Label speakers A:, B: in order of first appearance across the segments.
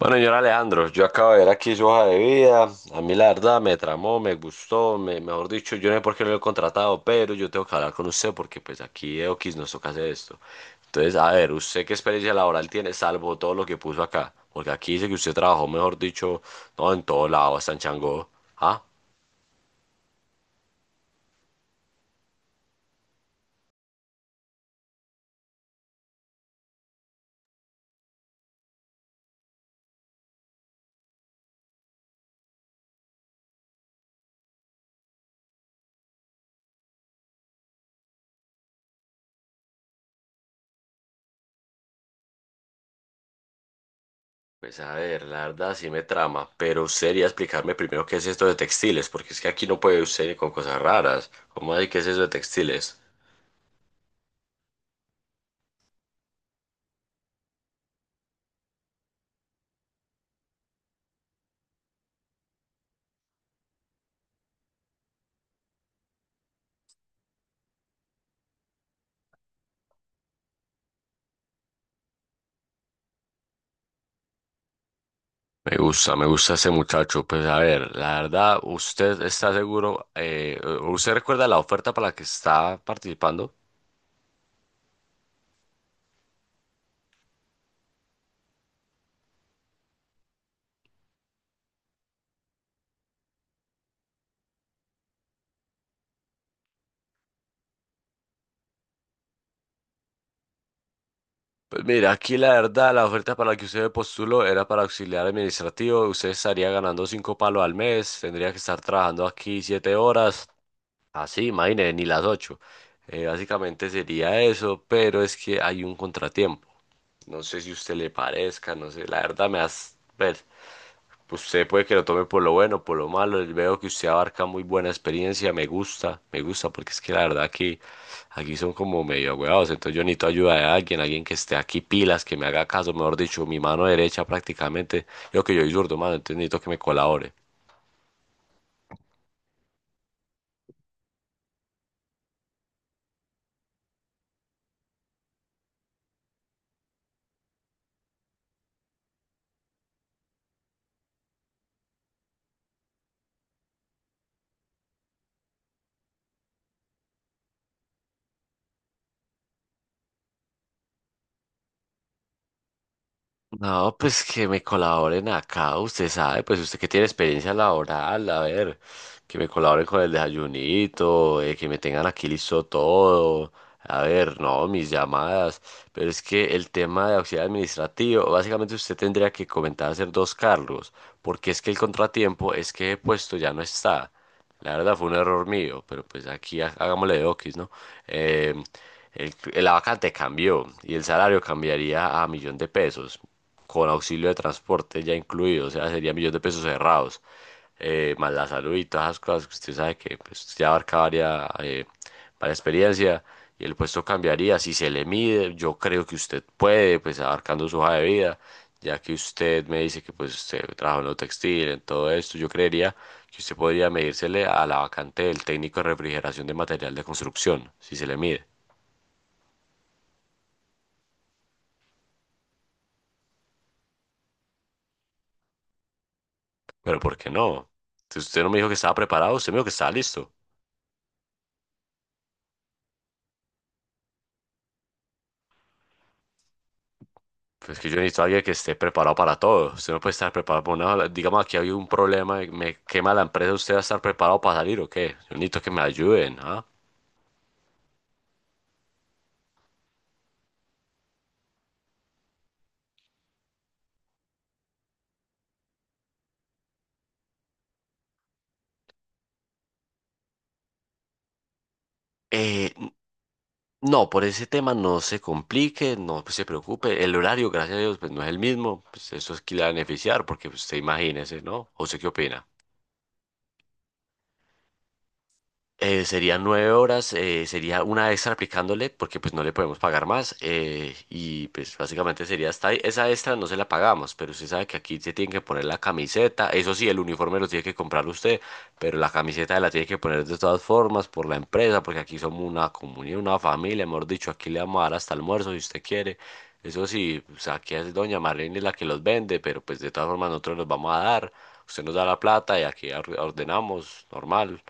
A: Bueno, señor Alejandro, yo acabo de ver aquí su hoja de vida. A mí la verdad me tramó, me gustó, mejor dicho, yo no sé por qué no lo he contratado, pero yo tengo que hablar con usted porque pues aquí X nos toca hacer esto. Entonces, a ver, ¿usted qué experiencia laboral tiene salvo todo lo que puso acá? Porque aquí dice que usted trabajó, mejor dicho, no en todo lado, hasta en Changó. ¿Ah? Pues a ver, la verdad sí me trama, pero sería explicarme primero qué es esto de textiles, porque es que aquí no puede usted ni con cosas raras. ¿Cómo así que es eso de textiles? Me gusta ese muchacho. Pues a ver, la verdad, ¿usted está seguro? ¿Usted recuerda la oferta para la que está participando? Pues mira, aquí la verdad, la oferta para la que usted postuló era para auxiliar administrativo. Usted estaría ganando cinco palos al mes, tendría que estar trabajando aquí 7 horas. Así, imagínese, ni las ocho. Básicamente sería eso, pero es que hay un contratiempo. No sé si a usted le parezca, no sé, la verdad me has... ver. Pues, usted puede que lo tome por lo bueno, por lo malo, y veo que usted abarca muy buena experiencia. Me gusta, porque es que la verdad que aquí son como medio agüevados. Entonces yo necesito ayuda de alguien, alguien que esté aquí pilas, que me haga caso, mejor dicho, mi mano derecha prácticamente. Yo que yo soy zurdo, mano, entonces necesito que me colabore. No, pues que me colaboren acá, usted sabe, pues usted que tiene experiencia laboral, a ver, que me colaboren con el desayunito, que me tengan aquí listo todo, a ver, no, mis llamadas, pero es que el tema de auxiliar administrativo, básicamente usted tendría que comentar hacer dos cargos, porque es que el contratiempo es que el puesto ya no está, la verdad fue un error mío, pero pues aquí hagámosle de oquis, ¿no? eh, el, la vacante cambió y el salario cambiaría a millón de pesos, con auxilio de transporte ya incluido, o sea, sería millón de pesos cerrados, más la salud y todas esas cosas que usted sabe que pues, ya abarca varias, varias experiencia y el puesto cambiaría si se le mide, yo creo que usted puede, pues abarcando su hoja de vida. Ya que usted me dice que pues usted trabajó en lo textil, en todo esto, yo creería que usted podría medírsele a la vacante del técnico de refrigeración de material de construcción, si se le mide. Pero ¿por qué no? Si usted no me dijo que estaba preparado, usted me dijo que estaba listo. Pues que yo necesito a alguien que esté preparado para todo. Usted no puede estar preparado para una... Digamos, aquí hay un problema, me quema la empresa, ¿usted va a estar preparado para salir o qué? Yo necesito que me ayuden, ¿ah? Eh, no, por ese tema no se complique, no pues, se preocupe. El horario, gracias a Dios, pues no es el mismo. Pues eso es que le va a beneficiar, porque pues, usted imagínese, ¿no? ¿O usted qué opina? Serían 9 horas, sería una extra aplicándole porque pues no le podemos pagar más y pues básicamente sería hasta ahí. Esa extra no se la pagamos, pero usted sabe que aquí se tiene que poner la camiseta, eso sí, el uniforme lo tiene que comprar usted, pero la camiseta la tiene que poner de todas formas por la empresa porque aquí somos una comunidad, una familia, mejor dicho, aquí le vamos a dar hasta almuerzo si usted quiere. Eso sí, o sea, aquí es doña Marlene la que los vende, pero pues de todas formas nosotros los vamos a dar. Usted nos da la plata y aquí ordenamos, normal.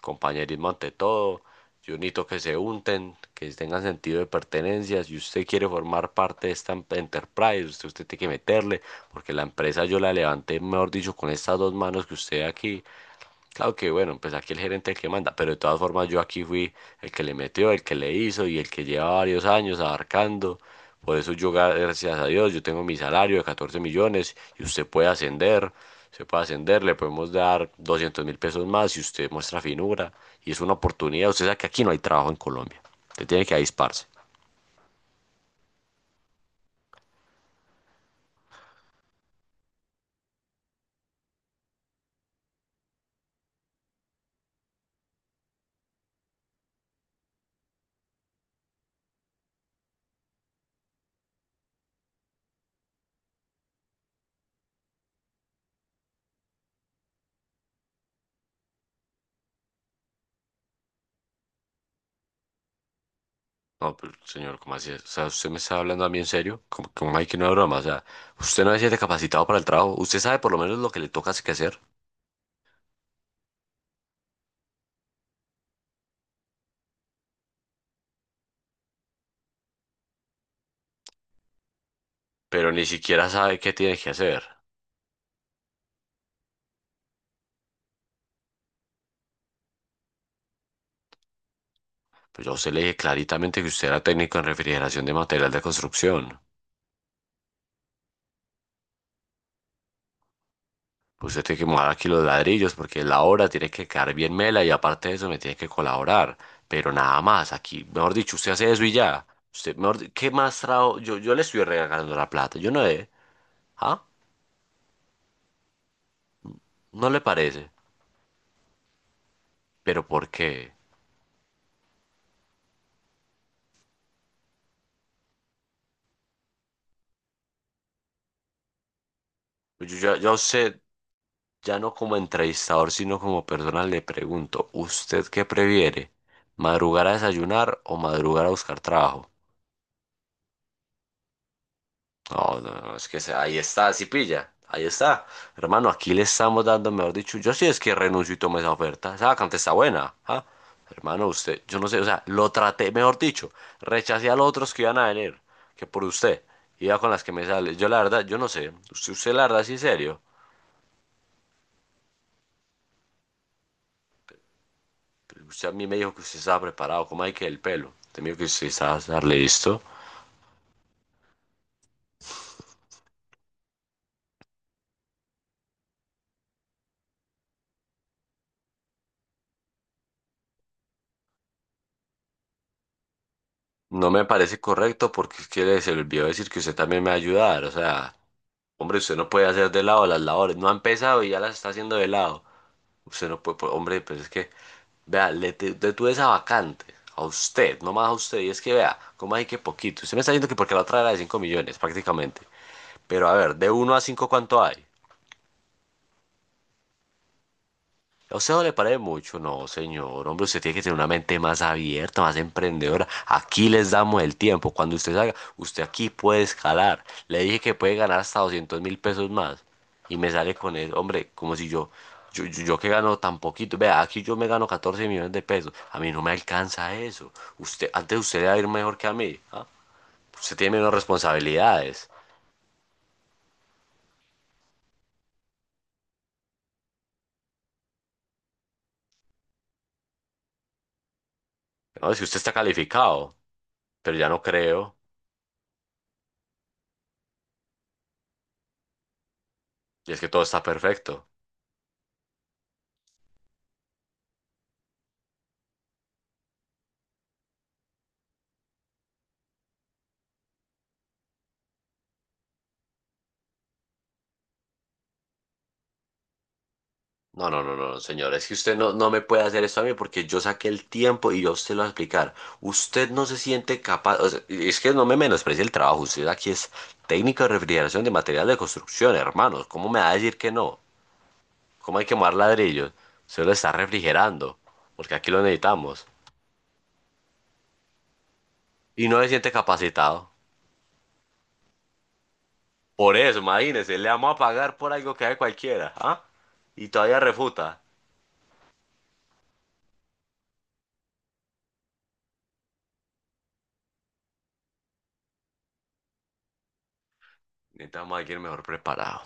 A: Compañerismo ante todo. Yo necesito que se unten, que tengan sentido de pertenencia. Si usted quiere formar parte de esta enterprise, usted tiene que meterle, porque la empresa yo la levanté, mejor dicho, con estas dos manos que usted ve aquí. Claro que bueno, pues aquí el gerente es el que manda, pero de todas formas yo aquí fui el que le metió, el que le hizo y el que lleva varios años abarcando. Por eso yo, gracias a Dios, yo tengo mi salario de 14 millones y usted puede ascender, se puede ascender, le podemos dar 200.000 pesos más si usted muestra finura y es una oportunidad. Usted sabe que aquí no hay trabajo en Colombia, usted tiene que avisparse. No, pero señor, ¿cómo así es? O sea, ¿usted me está hablando a mí en serio? ¿Cómo, cómo hay que no es broma? O sea, usted no se siente capacitado para el trabajo, usted sabe por lo menos lo que le toca que hacer. Pero ni siquiera sabe qué tiene que hacer. Pues yo a usted le dije claritamente que usted era técnico en refrigeración de material de construcción. Usted tiene que mojar aquí los ladrillos porque la obra tiene que quedar bien mela y aparte de eso me tiene que colaborar. Pero nada más, aquí, mejor dicho, usted hace eso y ya. Usted, mejor, ¿qué más trabajo? Yo le estoy regalando la plata, yo no le, ¿ah? ¿No le parece? ¿Pero por qué? Pues yo a usted ya no como entrevistador, sino como persona le pregunto, ¿usted qué prefiere? ¿Madrugar a desayunar o madrugar a buscar trabajo? No, no, no, es que ahí está, si pilla, ahí está. Hermano, aquí le estamos dando, mejor dicho, yo sí es que renuncio y tomo esa oferta. Esa vacante está buena, ¿ah? Hermano, usted, yo no sé, o sea, lo traté, mejor dicho, rechacé a los otros que iban a venir, que por usted, iba con las que me sale. Yo la verdad, yo no sé, usted la verdad, sí, serio. Pero usted a mí me dijo que usted estaba preparado. ¿Cómo hay que el pelo? Usted me dijo que usted estaba listo. No me parece correcto porque es que se le olvidó decir que usted también me va a ayudar. O sea, hombre, usted no puede hacer de lado las labores. No ha empezado y ya las está haciendo de lado. Usted no puede, pues, hombre, pues es que, vea, le detuve esa vacante. A usted, no más a usted. Y es que, vea, ¿cómo hay que poquito? Usted me está diciendo que porque la otra era de 5 millones, prácticamente. Pero a ver, de uno a 5 ¿cuánto hay? A usted no le parece mucho, no, señor. Hombre, usted tiene que tener una mente más abierta, más emprendedora. Aquí les damos el tiempo. Cuando usted salga, usted aquí puede escalar. Le dije que puede ganar hasta 200.000 pesos más. Y me sale con eso, hombre, como si yo, yo que gano tan poquito. Vea, aquí yo me gano 14 millones de pesos. A mí no me alcanza eso. Usted, antes usted le va a ir mejor que a mí. ¿Ah? Usted tiene menos responsabilidades. No, si usted está calificado, pero ya no creo. Y es que todo está perfecto. No, no, no, no, señor. Es que usted no, no me puede hacer esto a mí porque yo saqué el tiempo y yo se lo voy a explicar. Usted no se siente capaz. O sea, y es que no me menosprecie el trabajo. Usted aquí es técnico de refrigeración de material de construcción, hermanos. ¿Cómo me va a decir que no? ¿Cómo hay que mover ladrillos? Usted lo está refrigerando porque aquí lo necesitamos. Y no se siente capacitado. Por eso, imagínese, le vamos a pagar por algo que haga cualquiera, ¿ah? Y todavía refuta. Necesitamos a alguien mejor preparado.